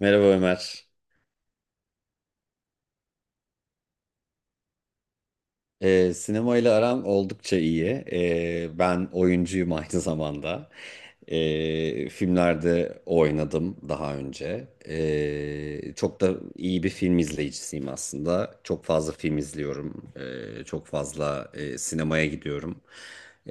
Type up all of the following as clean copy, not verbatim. Merhaba Ömer. Sinemayla aram oldukça iyi. Ben oyuncuyum aynı zamanda. Filmlerde oynadım daha önce. Çok da iyi bir film izleyicisiyim aslında. Çok fazla film izliyorum. Çok fazla sinemaya gidiyorum.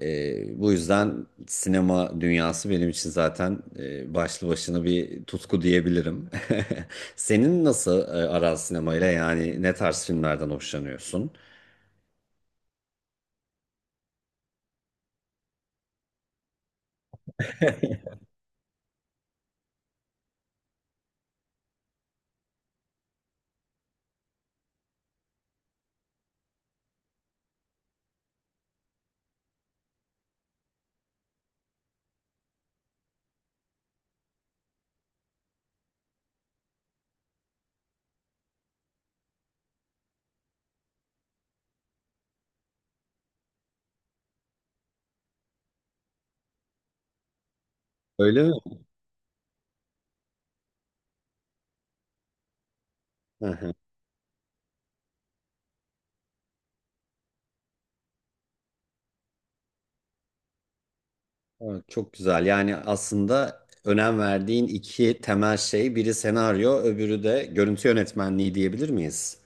Bu yüzden sinema dünyası benim için zaten başlı başına bir tutku diyebilirim. Senin nasıl aran sinemayla? Yani ne tarz filmlerden hoşlanıyorsun? Öyle mi? Hı hı. Evet, çok güzel. Yani aslında önem verdiğin iki temel şey, biri senaryo, öbürü de görüntü yönetmenliği diyebilir miyiz?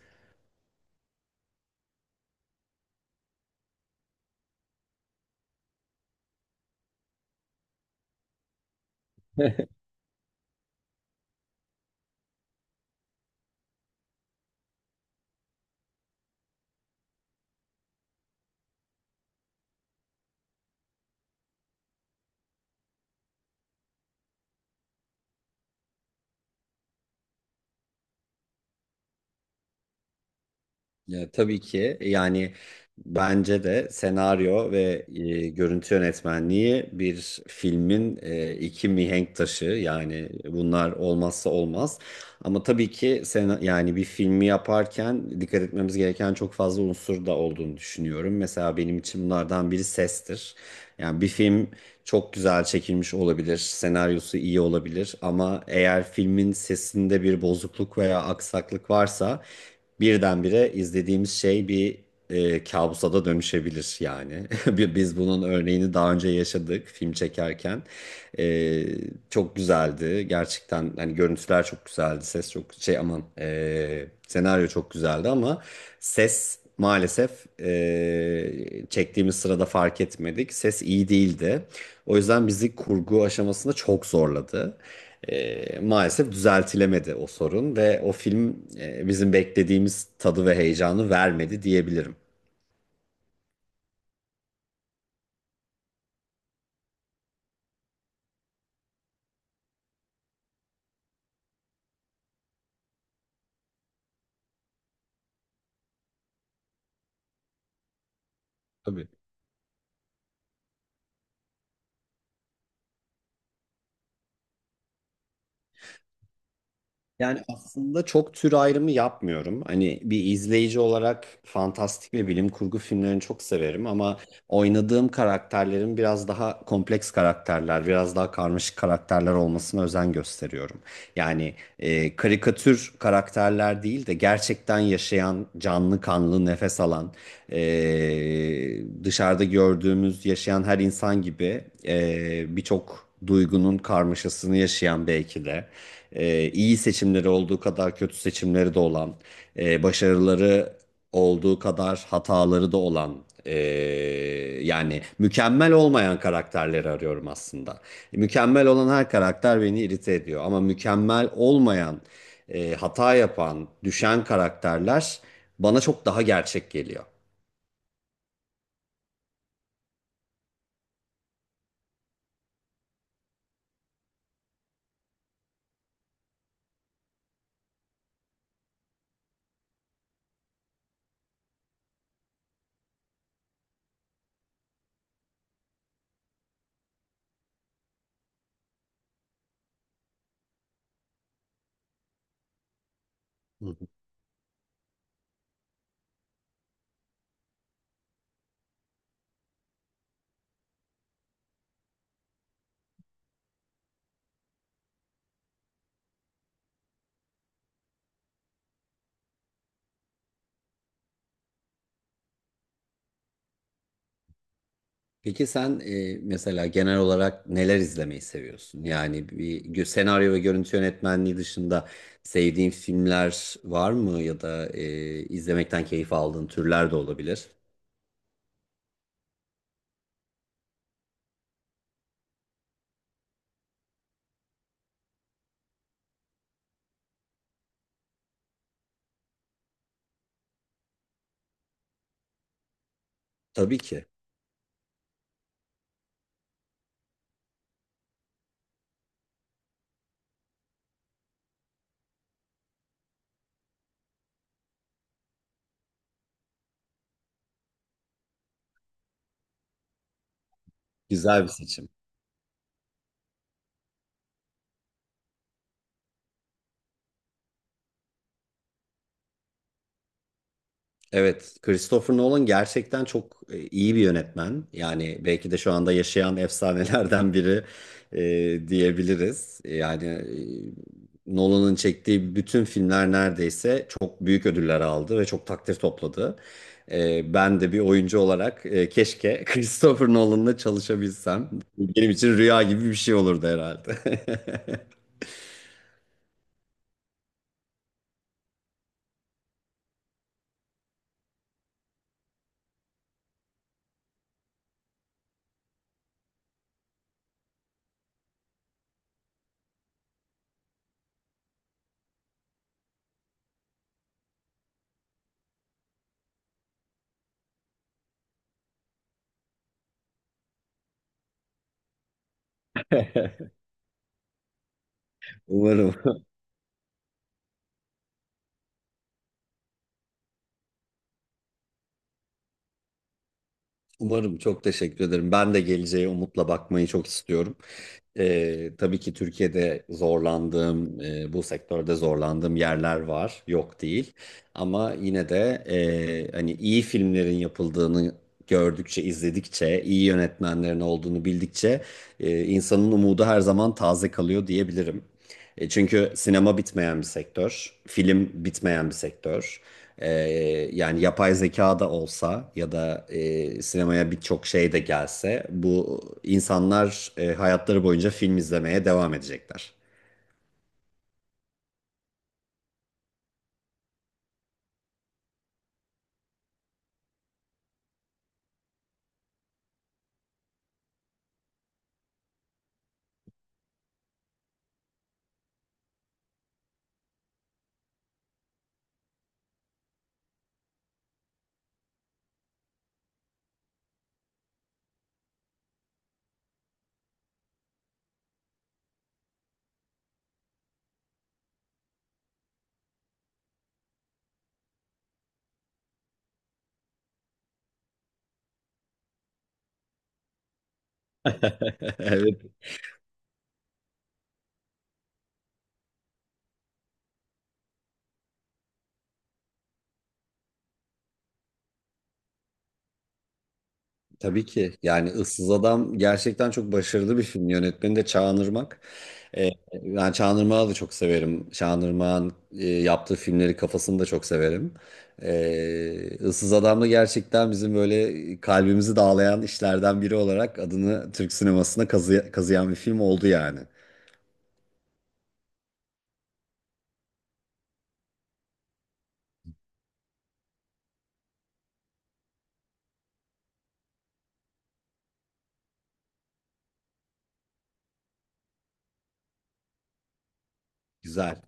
Ya, tabii ki yani bence de senaryo ve görüntü yönetmenliği bir filmin iki mihenk taşı, yani bunlar olmazsa olmaz. Ama tabii ki sen, yani bir filmi yaparken dikkat etmemiz gereken çok fazla unsur da olduğunu düşünüyorum. Mesela benim için bunlardan biri sestir. Yani bir film çok güzel çekilmiş olabilir, senaryosu iyi olabilir ama eğer filmin sesinde bir bozukluk veya aksaklık varsa birdenbire izlediğimiz şey bir kabusa da dönüşebilir yani. Biz bunun örneğini daha önce yaşadık film çekerken. E, Çok güzeldi gerçekten, hani görüntüler çok güzeldi, ses çok şey aman, senaryo çok güzeldi ama ses maalesef, çektiğimiz sırada fark etmedik, ses iyi değildi. O yüzden bizi kurgu aşamasında çok zorladı. Maalesef düzeltilemedi o sorun ve o film bizim beklediğimiz tadı ve heyecanı vermedi diyebilirim. Tabii. Yani aslında çok tür ayrımı yapmıyorum. Hani bir izleyici olarak fantastik ve bilim kurgu filmlerini çok severim ama oynadığım karakterlerin biraz daha kompleks karakterler, biraz daha karmaşık karakterler olmasına özen gösteriyorum. Yani karikatür karakterler değil de gerçekten yaşayan, canlı kanlı, nefes alan, dışarıda gördüğümüz yaşayan her insan gibi birçok duygunun karmaşasını yaşayan, belki de iyi seçimleri olduğu kadar kötü seçimleri de olan, başarıları olduğu kadar hataları da olan, yani mükemmel olmayan karakterleri arıyorum aslında. Mükemmel olan her karakter beni irite ediyor ama mükemmel olmayan, hata yapan, düşen karakterler bana çok daha gerçek geliyor. Peki sen mesela genel olarak neler izlemeyi seviyorsun? Yani bir senaryo ve görüntü yönetmenliği dışında sevdiğin filmler var mı ya da izlemekten keyif aldığın türler de olabilir. Tabii ki. Güzel bir seçim. Evet, Christopher Nolan gerçekten çok iyi bir yönetmen. Yani belki de şu anda yaşayan efsanelerden biri diyebiliriz. Yani Nolan'ın çektiği bütün filmler neredeyse çok büyük ödüller aldı ve çok takdir topladı. Ben de bir oyuncu olarak keşke Christopher Nolan'la çalışabilsem. Benim için rüya gibi bir şey olurdu herhalde. Umarım. Umarım, çok teşekkür ederim. Ben de geleceğe umutla bakmayı çok istiyorum. Tabii ki Türkiye'de zorlandığım, bu sektörde zorlandığım yerler var, yok değil. Ama yine de hani iyi filmlerin yapıldığını gördükçe, izledikçe, iyi yönetmenlerin olduğunu bildikçe insanın umudu her zaman taze kalıyor diyebilirim. Çünkü sinema bitmeyen bir sektör, film bitmeyen bir sektör. E, Yani yapay zeka da olsa ya da sinemaya birçok şey de gelse bu insanlar hayatları boyunca film izlemeye devam edecekler. Evet. Tabii ki. Yani Issız Adam gerçekten çok başarılı bir film. Yönetmeni de Çağan Irmak. Ee, Ben Çağan Irmak'ı da çok severim. Çağan Irmak'ın yaptığı filmleri kafasını da çok severim. Issız Adam da gerçekten bizim böyle kalbimizi dağlayan işlerden biri olarak adını Türk sinemasına kazıyan bir film oldu yani. Güzel.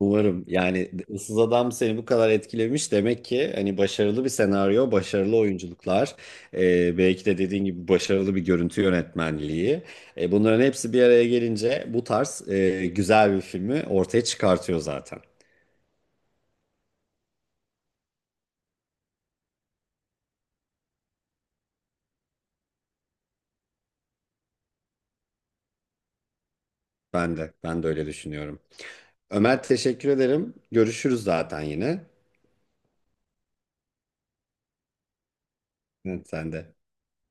Umarım, yani Issız Adam seni bu kadar etkilemiş demek ki hani başarılı bir senaryo, başarılı oyunculuklar, belki de dediğin gibi başarılı bir görüntü yönetmenliği. Bunların hepsi bir araya gelince bu tarz güzel bir filmi ortaya çıkartıyor zaten. Ben de öyle düşünüyorum. Ömer, teşekkür ederim. Görüşürüz zaten yine. Evet, sen de.